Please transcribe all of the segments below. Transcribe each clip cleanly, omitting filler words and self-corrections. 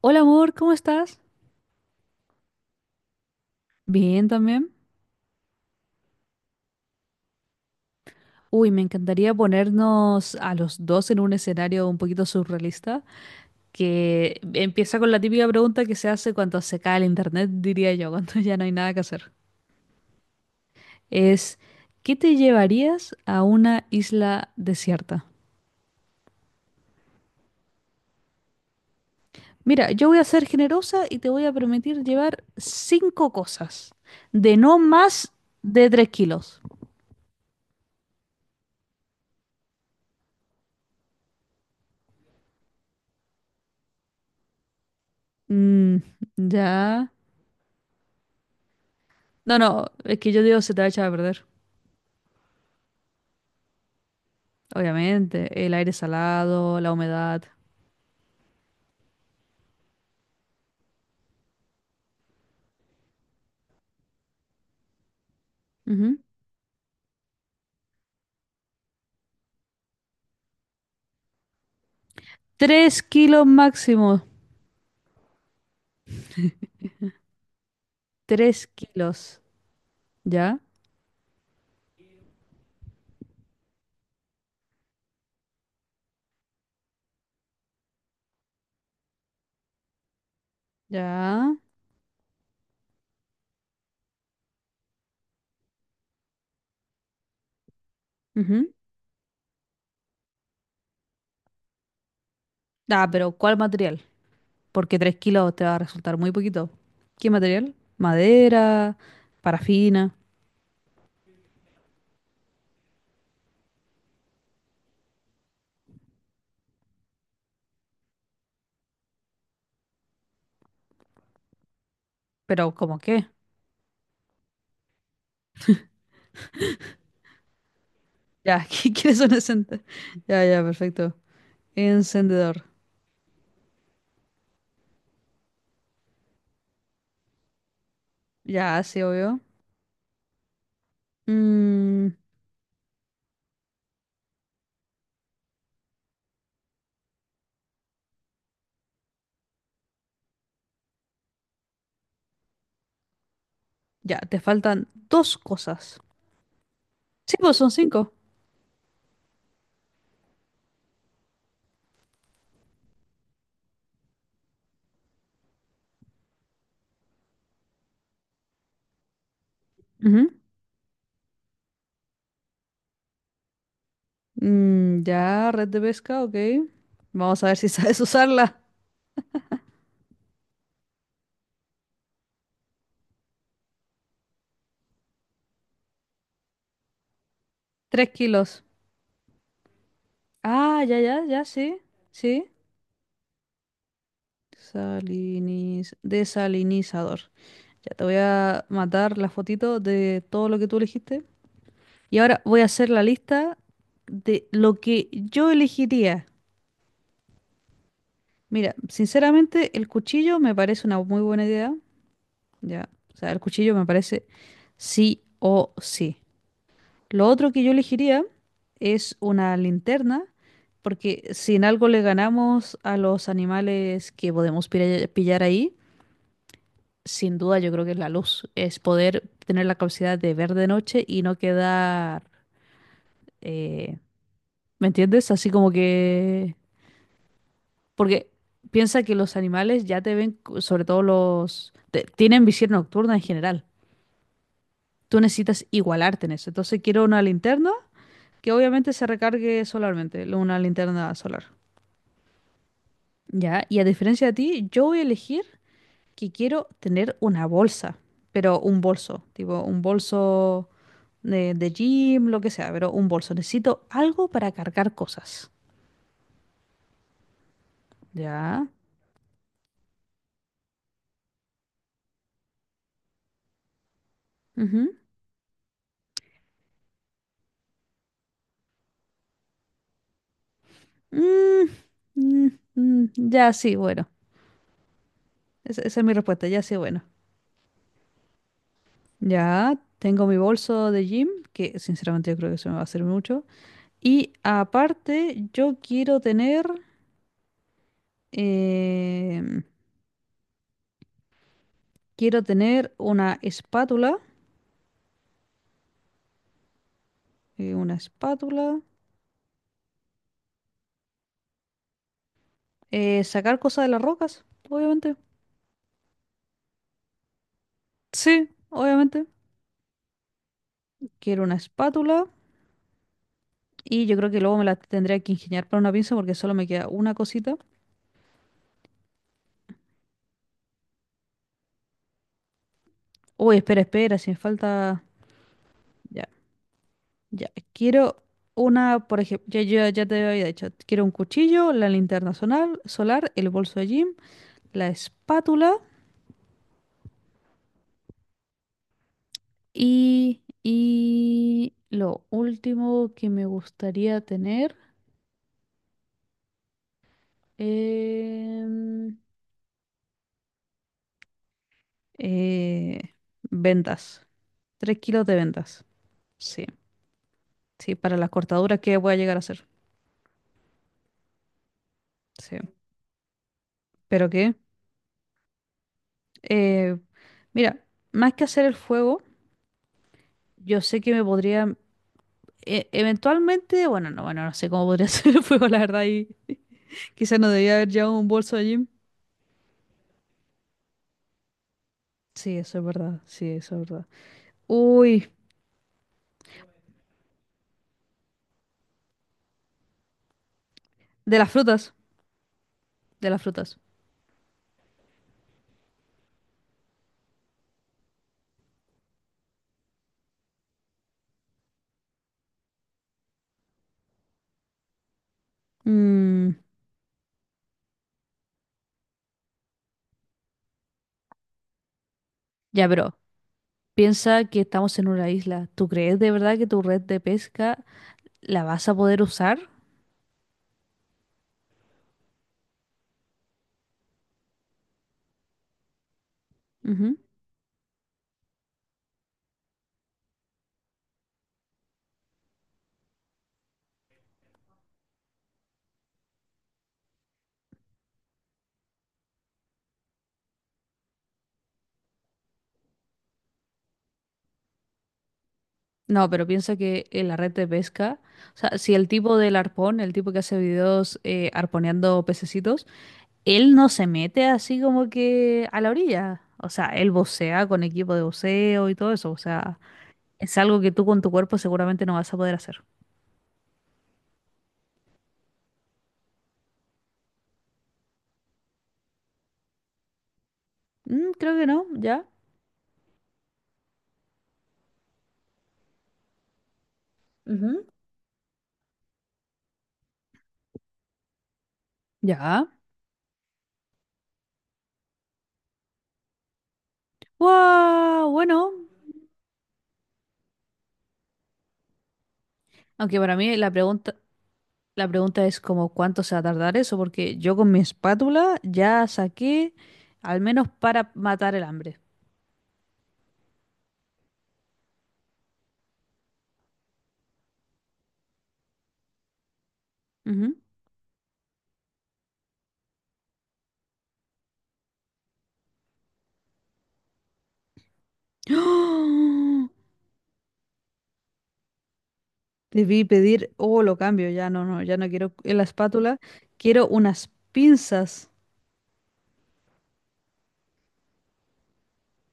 Hola amor, ¿cómo estás? Bien también. Uy, me encantaría ponernos a los dos en un escenario un poquito surrealista, que empieza con la típica pregunta que se hace cuando se cae el internet, diría yo, cuando ya no hay nada que hacer. Es, ¿qué te llevarías a una isla desierta? Mira, yo voy a ser generosa y te voy a permitir llevar cinco cosas, de no más de 3 kilos. Mm, ya. No, no, es que yo digo se te va a echar a perder. Obviamente, el aire salado, la humedad. Ujú. 3 kilos máximo. 3 kilos. ¿Ya? ¿Ya? Ujú. Ah, pero ¿cuál material? Porque 3 kilos te va a resultar muy poquito. ¿Qué material? Madera, parafina. Pero ¿cómo qué? Ya, ¿qué quieres un encendedor? Ya, ya, perfecto. Encendedor. Ya, sí, obvio. Mm, ya, te faltan dos cosas. Sí, pues son cinco. Ujú. Mm, ya, red de pesca, ok. Vamos a ver si sabes usarla. 3 kilos. Ah, ya, ya, ya, sí. Sí. Desalinizador. Ya te voy a matar la fotito de todo lo que tú elegiste. Y ahora voy a hacer la lista de lo que yo elegiría. Mira, sinceramente, el cuchillo me parece una muy buena idea. Ya. O sea, el cuchillo me parece sí o sí. Lo otro que yo elegiría es una linterna, porque si en algo le ganamos a los animales que podemos pillar ahí, sin duda yo creo que es la luz, es poder tener la capacidad de ver de noche y no quedar, eh, ¿me entiendes? Así como que... Porque piensa que los animales ya te ven, sobre todo los... tienen visión nocturna en general. Tú necesitas igualarte en eso. Entonces quiero una linterna que obviamente se recargue solarmente, una linterna solar. Ya, y a diferencia de ti, yo voy a elegir que quiero tener una bolsa, pero un bolso, tipo un bolso de gym, lo que sea, pero un bolso. Necesito algo para cargar cosas. Ya. Ujú. Mm, mm, mm, ya, sí, bueno. Esa es mi respuesta, ya, sí, bueno. Ya, tengo mi bolso de gym, que sinceramente yo creo que se me va a hacer mucho. Y aparte, yo quiero tener... em, Quiero tener una espátula, sacar cosas de las rocas, obviamente. Sí, obviamente. Quiero una espátula y yo creo que luego me la tendría que ingeniar para una pinza porque solo me queda una cosita. Uy, espera, espera, si me falta... Ya, ya. Quiero una, por ejemplo, ya, ya, ya te había dicho, quiero un cuchillo, la linterna solar, solar, el bolso de gym, la espátula y... Y lo último que me gustaría tener... Em, eh, ventas. 3 kilos de ventas. Sí, sí, para las cortaduras que voy a llegar a hacer. Sí. ¿Pero qué? Eh, mira, más que hacer el fuego, yo sé que me podría... eventualmente, bueno, no, bueno, no sé cómo podría hacer el fuego, la verdad, y quizás no debía haber llevado un bolso allí. Sí, eso es verdad, sí, eso es verdad. Uy, de las frutas, de las frutas. Mm, ya, pero piensa que estamos en una isla. ¿Tú crees de verdad que tu red de pesca la vas a poder usar? Ujú. No, pero piensa que en la red de pesca, o sea, si el tipo del arpón, el tipo que hace videos arponeando pececitos, él no se mete así como que a la orilla. O sea, él vocea con equipo de voceo y todo eso. O sea, es algo que tú con tu cuerpo seguramente no vas a poder hacer. Mm, creo que no, ya. Ujú. Ya. ¡Wow! Bueno, aunque para mí la pregunta. La pregunta es como cuánto se va a tardar eso, porque yo con mi espátula ya saqué al menos para matar el hambre. Ujú. ¡Oh! Debí pedir, oh, lo cambio, ya no, no, ya no quiero la espátula, quiero unas pinzas.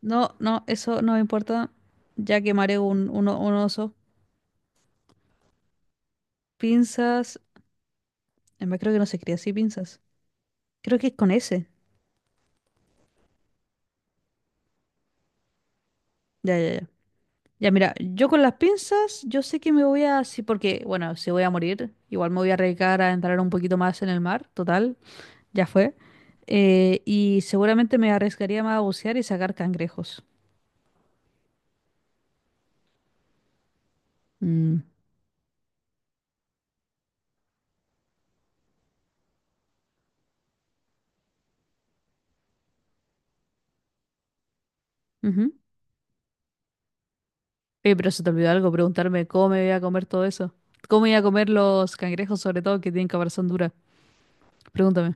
No, no, eso no me importa, ya quemaré un oso. Pinzas, además creo que no se cría así, pinzas. Creo que es con ese. Ya, ya, ya. Ya, mira, yo con las pinzas, yo sé que me voy a, sí, porque, bueno, si voy a morir, igual me voy a arriesgar a entrar un poquito más en el mar, total, ya fue. Y seguramente me arriesgaría más a bucear y sacar cangrejos. Mm, ujú. Oye, pero se te olvidó algo, preguntarme cómo me voy a comer todo eso. ¿Cómo voy a comer los cangrejos, sobre todo, que tienen caparazón dura? Pregúntame.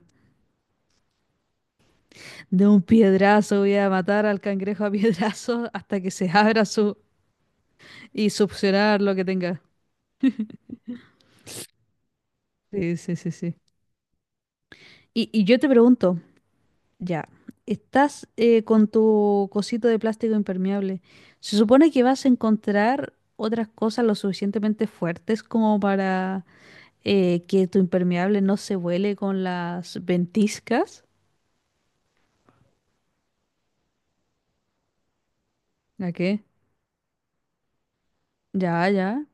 De un piedrazo voy a matar al cangrejo a piedrazo hasta que se abra su... y succionar lo que tenga. Sí, sí, sí, sí. Y yo te pregunto, ya, estás con tu cosito de plástico impermeable. Se supone que vas a encontrar otras cosas lo suficientemente fuertes como para que tu impermeable no se vuele con las ventiscas. ¿A qué? Ya, ya,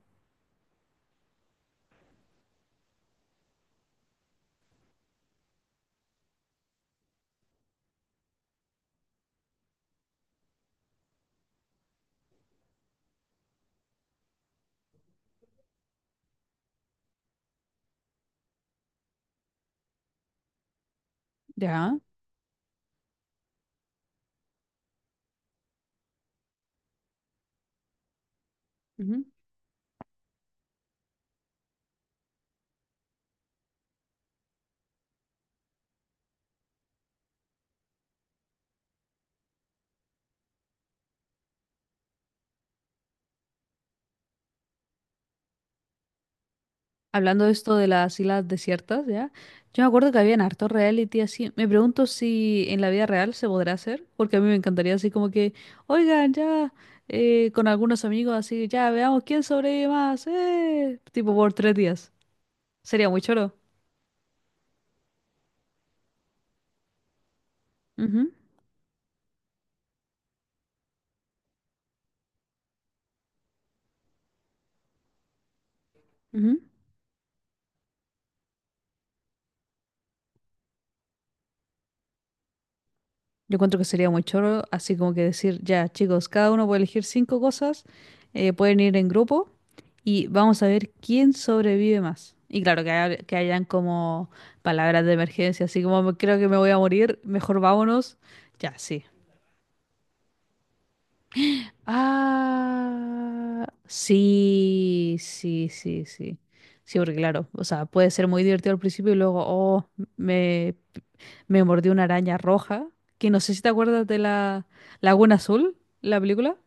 ya. Hablando de esto de las islas desiertas, ¿ya? Yo me acuerdo que habían harto reality así. Me pregunto si en la vida real se podrá hacer, porque a mí me encantaría así como que, oigan, ya, con algunos amigos así, ya, veamos quién sobrevive más, tipo por 3 días. Sería muy choro. Ujú, ujú. Yo encuentro que sería muy choro, así como que decir, ya, chicos, cada uno puede elegir cinco cosas, pueden ir en grupo. Y vamos a ver quién sobrevive más. Y claro, que, que hayan como palabras de emergencia, así como creo que me voy a morir, mejor vámonos". Ya, sí. Ah, sí, sí, sí, sí. Sí, porque claro, o sea, puede ser muy divertido al principio y luego, oh, me, me mordió una araña roja, que no sé si te acuerdas de la Laguna Azul, la película.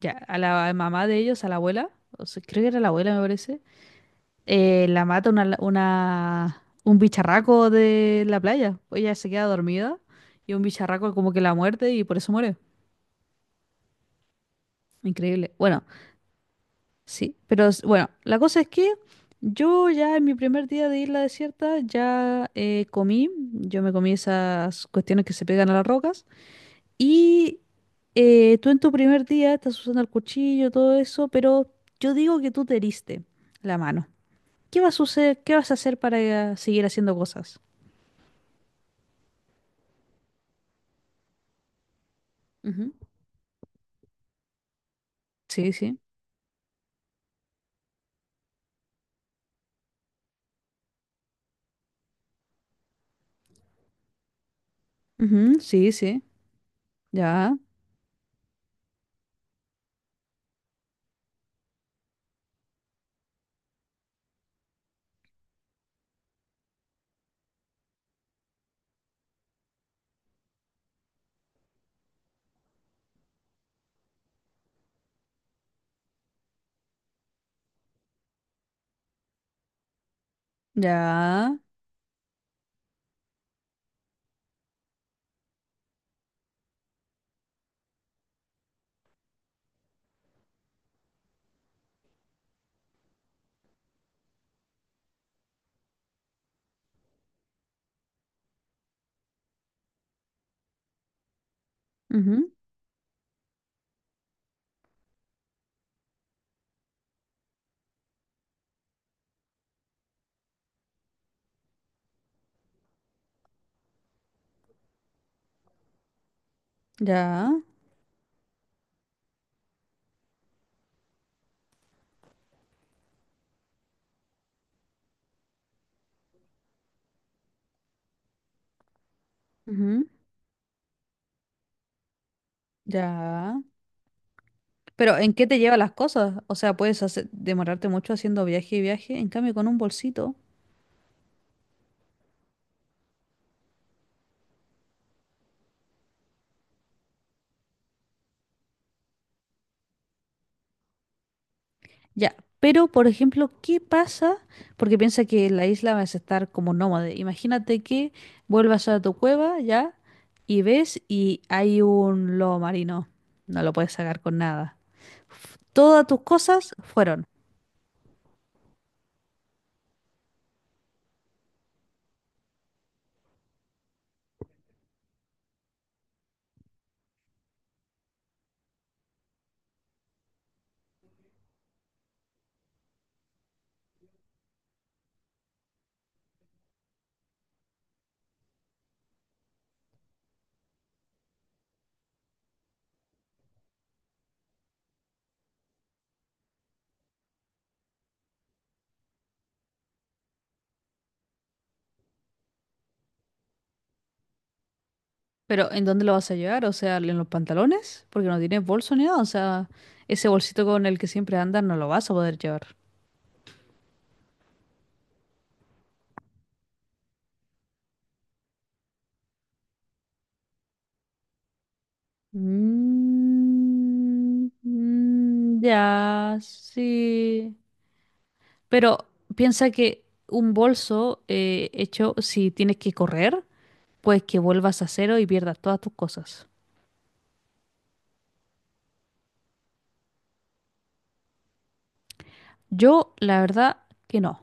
Ya, a la mamá de ellos, a la abuela, o sea, creo que era la abuela, me parece. La mata un bicharraco de la playa. Pues ella se queda dormida y un bicharraco como que la muerde y por eso muere. Increíble. Bueno, sí, pero bueno, la cosa es que yo ya en mi primer día de isla desierta ya comí, yo me comí esas cuestiones que se pegan a las rocas y tú en tu primer día estás usando el cuchillo, todo eso, pero yo digo que tú te heriste la mano. ¿Qué vas a suceder? ¿Qué vas a hacer para seguir haciendo cosas? Ujú. Sí, sí. Ujú, sí, sí. Ya, ya, ujú, ya, ujú, ya. Pero ¿en qué te lleva las cosas? O sea, puedes hacer- demorarte mucho haciendo viaje y viaje, en cambio con un bolsito. Ya. Pero, por ejemplo, ¿qué pasa? Porque piensa que en la isla vas a estar como nómade. Imagínate que vuelvas a tu cueva ya y ves y hay un lobo marino. No lo puedes sacar con nada. Todas tus cosas fueron. Pero ¿en dónde lo vas a llevar? O sea, ¿en los pantalones? Porque no tienes bolso ni nada. O sea, ese bolsito con el que siempre andas no lo vas a poder llevar. Mm, mm, ya, sí. Pero piensa que un bolso hecho, si tienes que correr, pues que vuelvas a cero y pierdas todas tus cosas. Yo, la verdad, que no.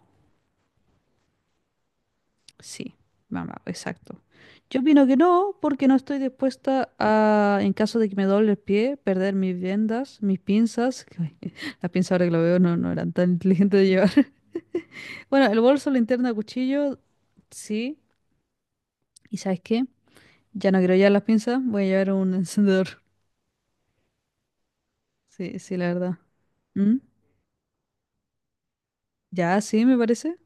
Sí, mamá, exacto. Yo opino que no, porque no estoy dispuesta a, en caso de que me doble el pie, perder mis vendas, mis pinzas. Que las pinzas ahora que lo veo no, no eran tan inteligentes de llevar. Bueno, el bolso, linterna, cuchillo, sí. ¿Y sabes qué? Ya no quiero llevar las pinzas, voy a llevar un encendedor. Sí, sí, la verdad. ¿Mm? Ya, sí, me parece.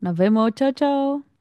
Nos vemos, chao, chao.